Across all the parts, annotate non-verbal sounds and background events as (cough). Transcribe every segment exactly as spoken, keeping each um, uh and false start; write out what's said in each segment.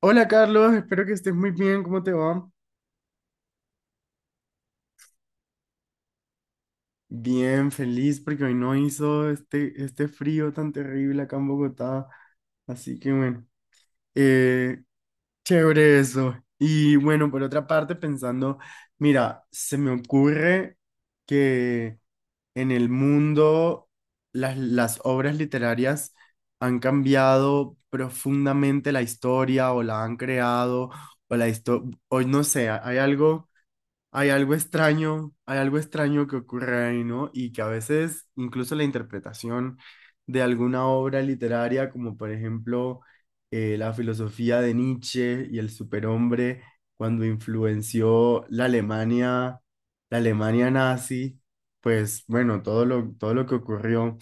Hola Carlos, espero que estés muy bien, ¿cómo te va? Bien, feliz porque hoy no hizo este, este frío tan terrible acá en Bogotá, así que bueno, eh, chévere eso. Y bueno, por otra parte, pensando, mira, se me ocurre que en el mundo las, las obras literarias han cambiado profundamente la historia o la han creado, o la historia, o no sé, hay algo hay algo extraño, hay algo extraño que ocurre ahí, ¿no? Y que a veces incluso la interpretación de alguna obra literaria, como por ejemplo eh, la filosofía de Nietzsche y el superhombre, cuando influenció la Alemania, la Alemania nazi, pues bueno, todo lo, todo lo que ocurrió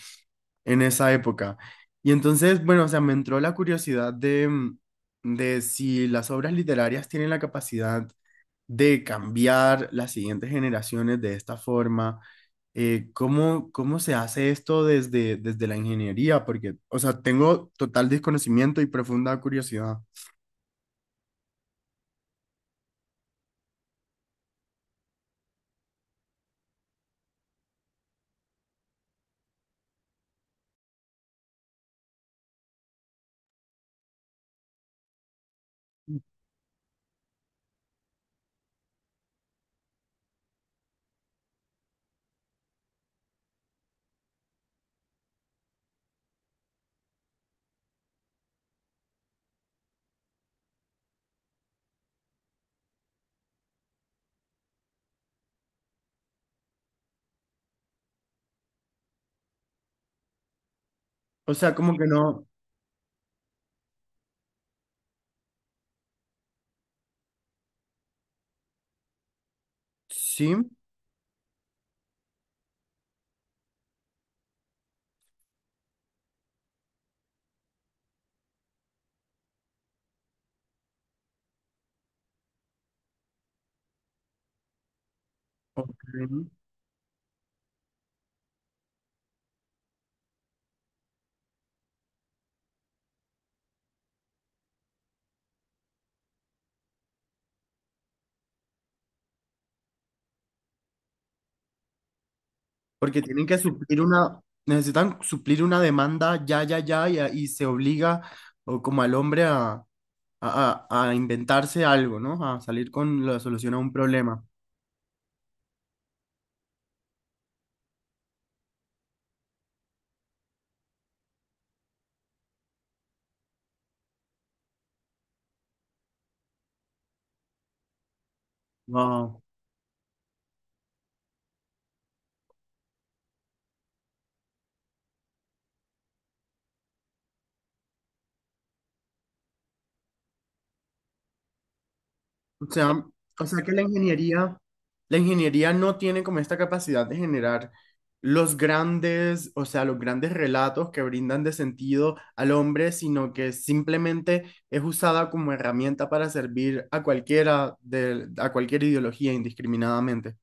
en esa época. Y entonces, bueno, o sea, me entró la curiosidad de, mm, de si las obras literarias tienen la capacidad de cambiar las siguientes generaciones de esta forma. Eh, ¿cómo, ¿cómo se hace esto desde, desde la ingeniería? Porque, o sea, tengo total desconocimiento y profunda curiosidad. O sea, como que no, sí, ok. Porque tienen que suplir una, necesitan suplir una demanda, ya, ya, ya, y, a- y se obliga o como al hombre a, a, a- a inventarse algo, ¿no? A salir con la solución a un problema. Wow. O sea, o sea que la ingeniería, la ingeniería no tiene como esta capacidad de generar los grandes, o sea, los grandes relatos que brindan de sentido al hombre, sino que simplemente es usada como herramienta para servir a cualquiera de, a cualquier ideología indiscriminadamente.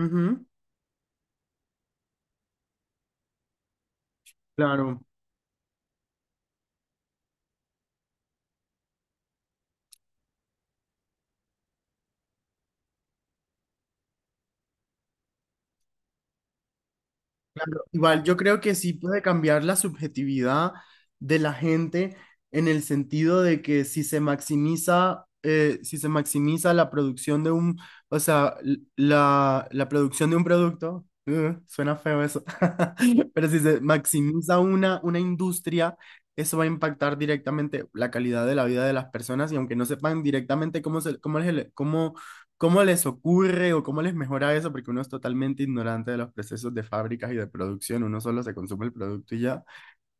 Ujú, claro. Igual yo creo que sí puede cambiar la subjetividad de la gente en el sentido de que si se maximiza, eh, si se maximiza la producción de un, o sea, l- la, la producción de un producto, eh, suena feo eso, (laughs) pero si se maximiza una, una industria, eso va a impactar directamente la calidad de la vida de las personas y aunque no sepan directamente cómo, se, cómo, es el- cómo ¿Cómo les ocurre o cómo les mejora eso? Porque uno es totalmente ignorante de los procesos de fábricas y de producción, uno solo se consume el producto y ya.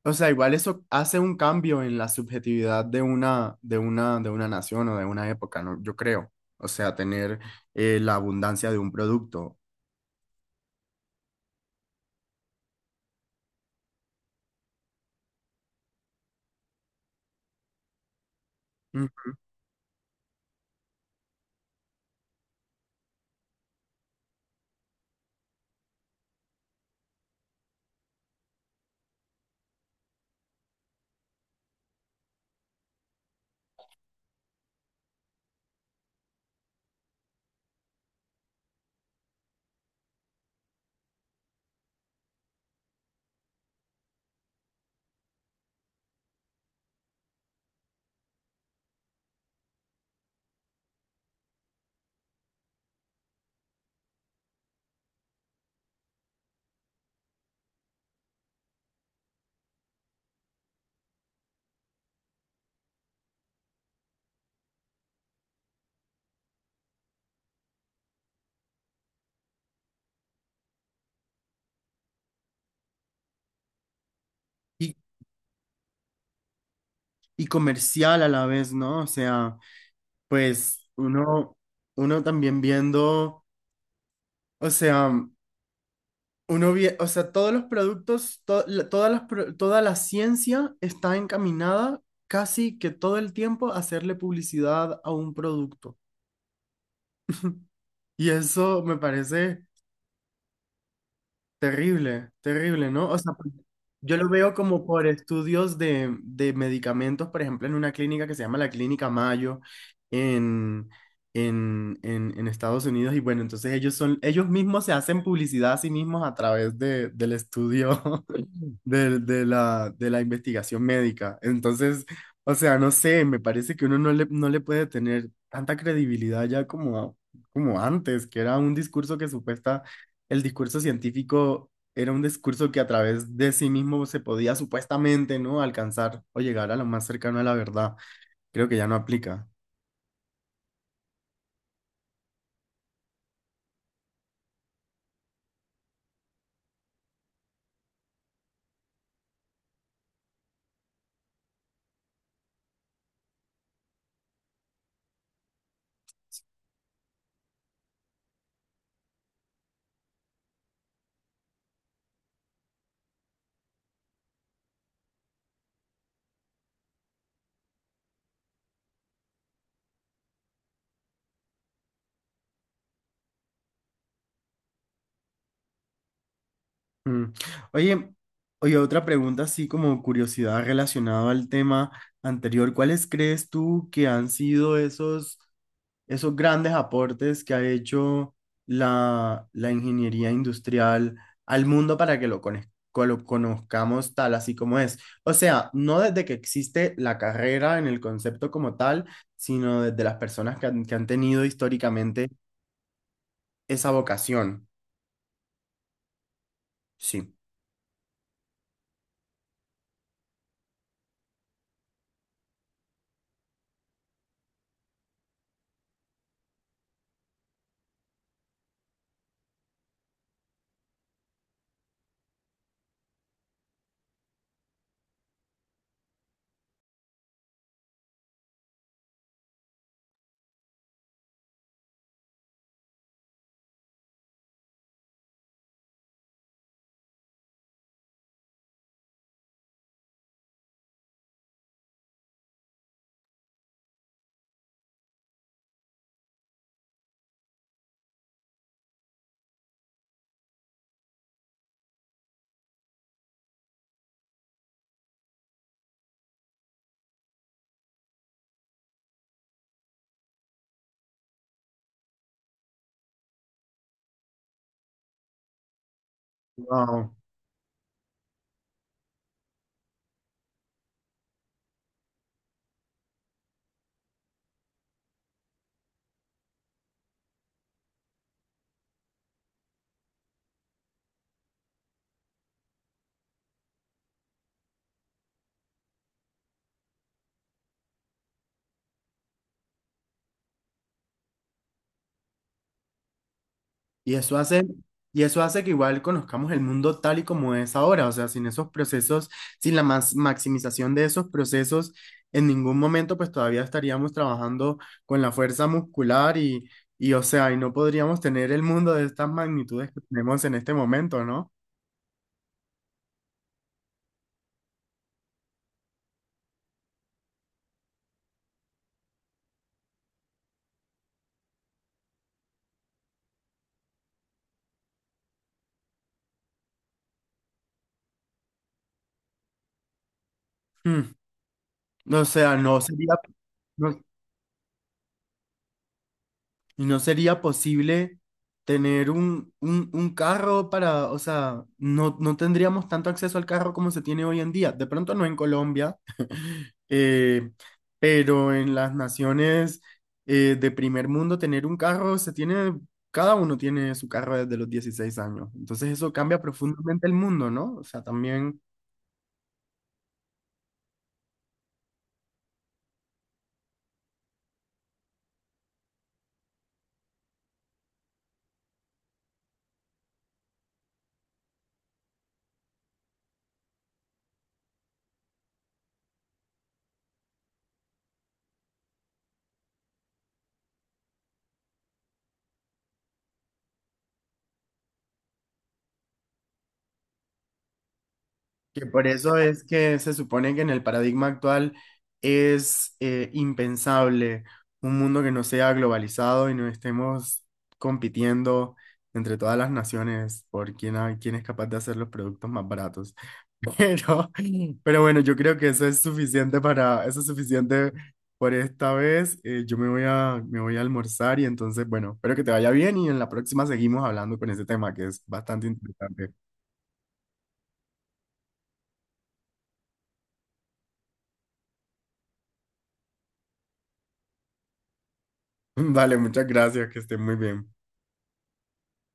O sea, igual eso hace un cambio en la subjetividad de una, de una, de una nación o de una época, ¿no? Yo creo. O sea, tener eh, la abundancia de un producto. Ujú. Y, y comercial a la vez, ¿no? O sea, pues uno, uno también viendo, o sea... Uno vie- o sea, todos los productos, to- la- todas las pro- toda la ciencia está encaminada casi que todo el tiempo a hacerle publicidad a un producto. Y eso me parece terrible, terrible, ¿no? O sea, pues, yo lo veo como por estudios de, de medicamentos, por ejemplo, en una clínica que se llama la Clínica Mayo en, en, en, en Estados Unidos. Y bueno, entonces ellos son, ellos mismos se hacen publicidad a sí mismos a través de, del estudio (laughs) de, de la, de la investigación médica. Entonces, o sea, no sé, me parece que uno no le, no le puede tener tanta credibilidad ya como, a- como antes, que era un discurso que supuesta, el discurso científico era un discurso que a través de sí mismo se podía supuestamente, ¿no? Alcanzar o llegar a lo más cercano a la verdad. Creo que ya no aplica. Mm. Oye, oye, otra pregunta así como curiosidad relacionada al tema anterior. ¿Cuáles crees tú que han sido esos esos grandes aportes que ha hecho la, la ingeniería industrial al mundo para que lo, cono- co- lo conozcamos tal así como es? O sea, no desde que existe la carrera en el concepto como tal, sino desde las personas que han, que han tenido históricamente esa vocación. Sí. Wao. Y eso hace, y eso hace que igual conozcamos el mundo tal y como es ahora, o sea, sin esos procesos, sin la mas- maximización de esos procesos, en ningún momento pues todavía estaríamos trabajando con la fuerza muscular y, y o sea, y no podríamos tener el mundo de estas magnitudes que tenemos en este momento, ¿no? Mm. O sea, no sería, no- y no sería posible tener un, un, un carro para, o sea, no, no tendríamos tanto acceso al carro como se tiene hoy en día. De pronto no en Colombia, (laughs) eh, pero en las naciones eh, de primer mundo tener un carro se tiene, cada uno tiene su carro desde los dieciséis años. Entonces eso cambia profundamente el mundo, ¿no? O sea, también que por eso es que se supone que en el paradigma actual es eh, impensable un mundo que no sea globalizado y no estemos compitiendo entre todas las naciones por quién, ha- quién es capaz de hacer los productos más baratos. (laughs) Pero, pero bueno, yo creo que eso es suficiente para, eso es suficiente por esta vez. Eh, yo me voy a, me voy a almorzar y entonces, bueno, espero que te vaya bien y en la próxima seguimos hablando con ese tema que es bastante interesante. (laughs) Vale, muchas gracias, que esté muy bien.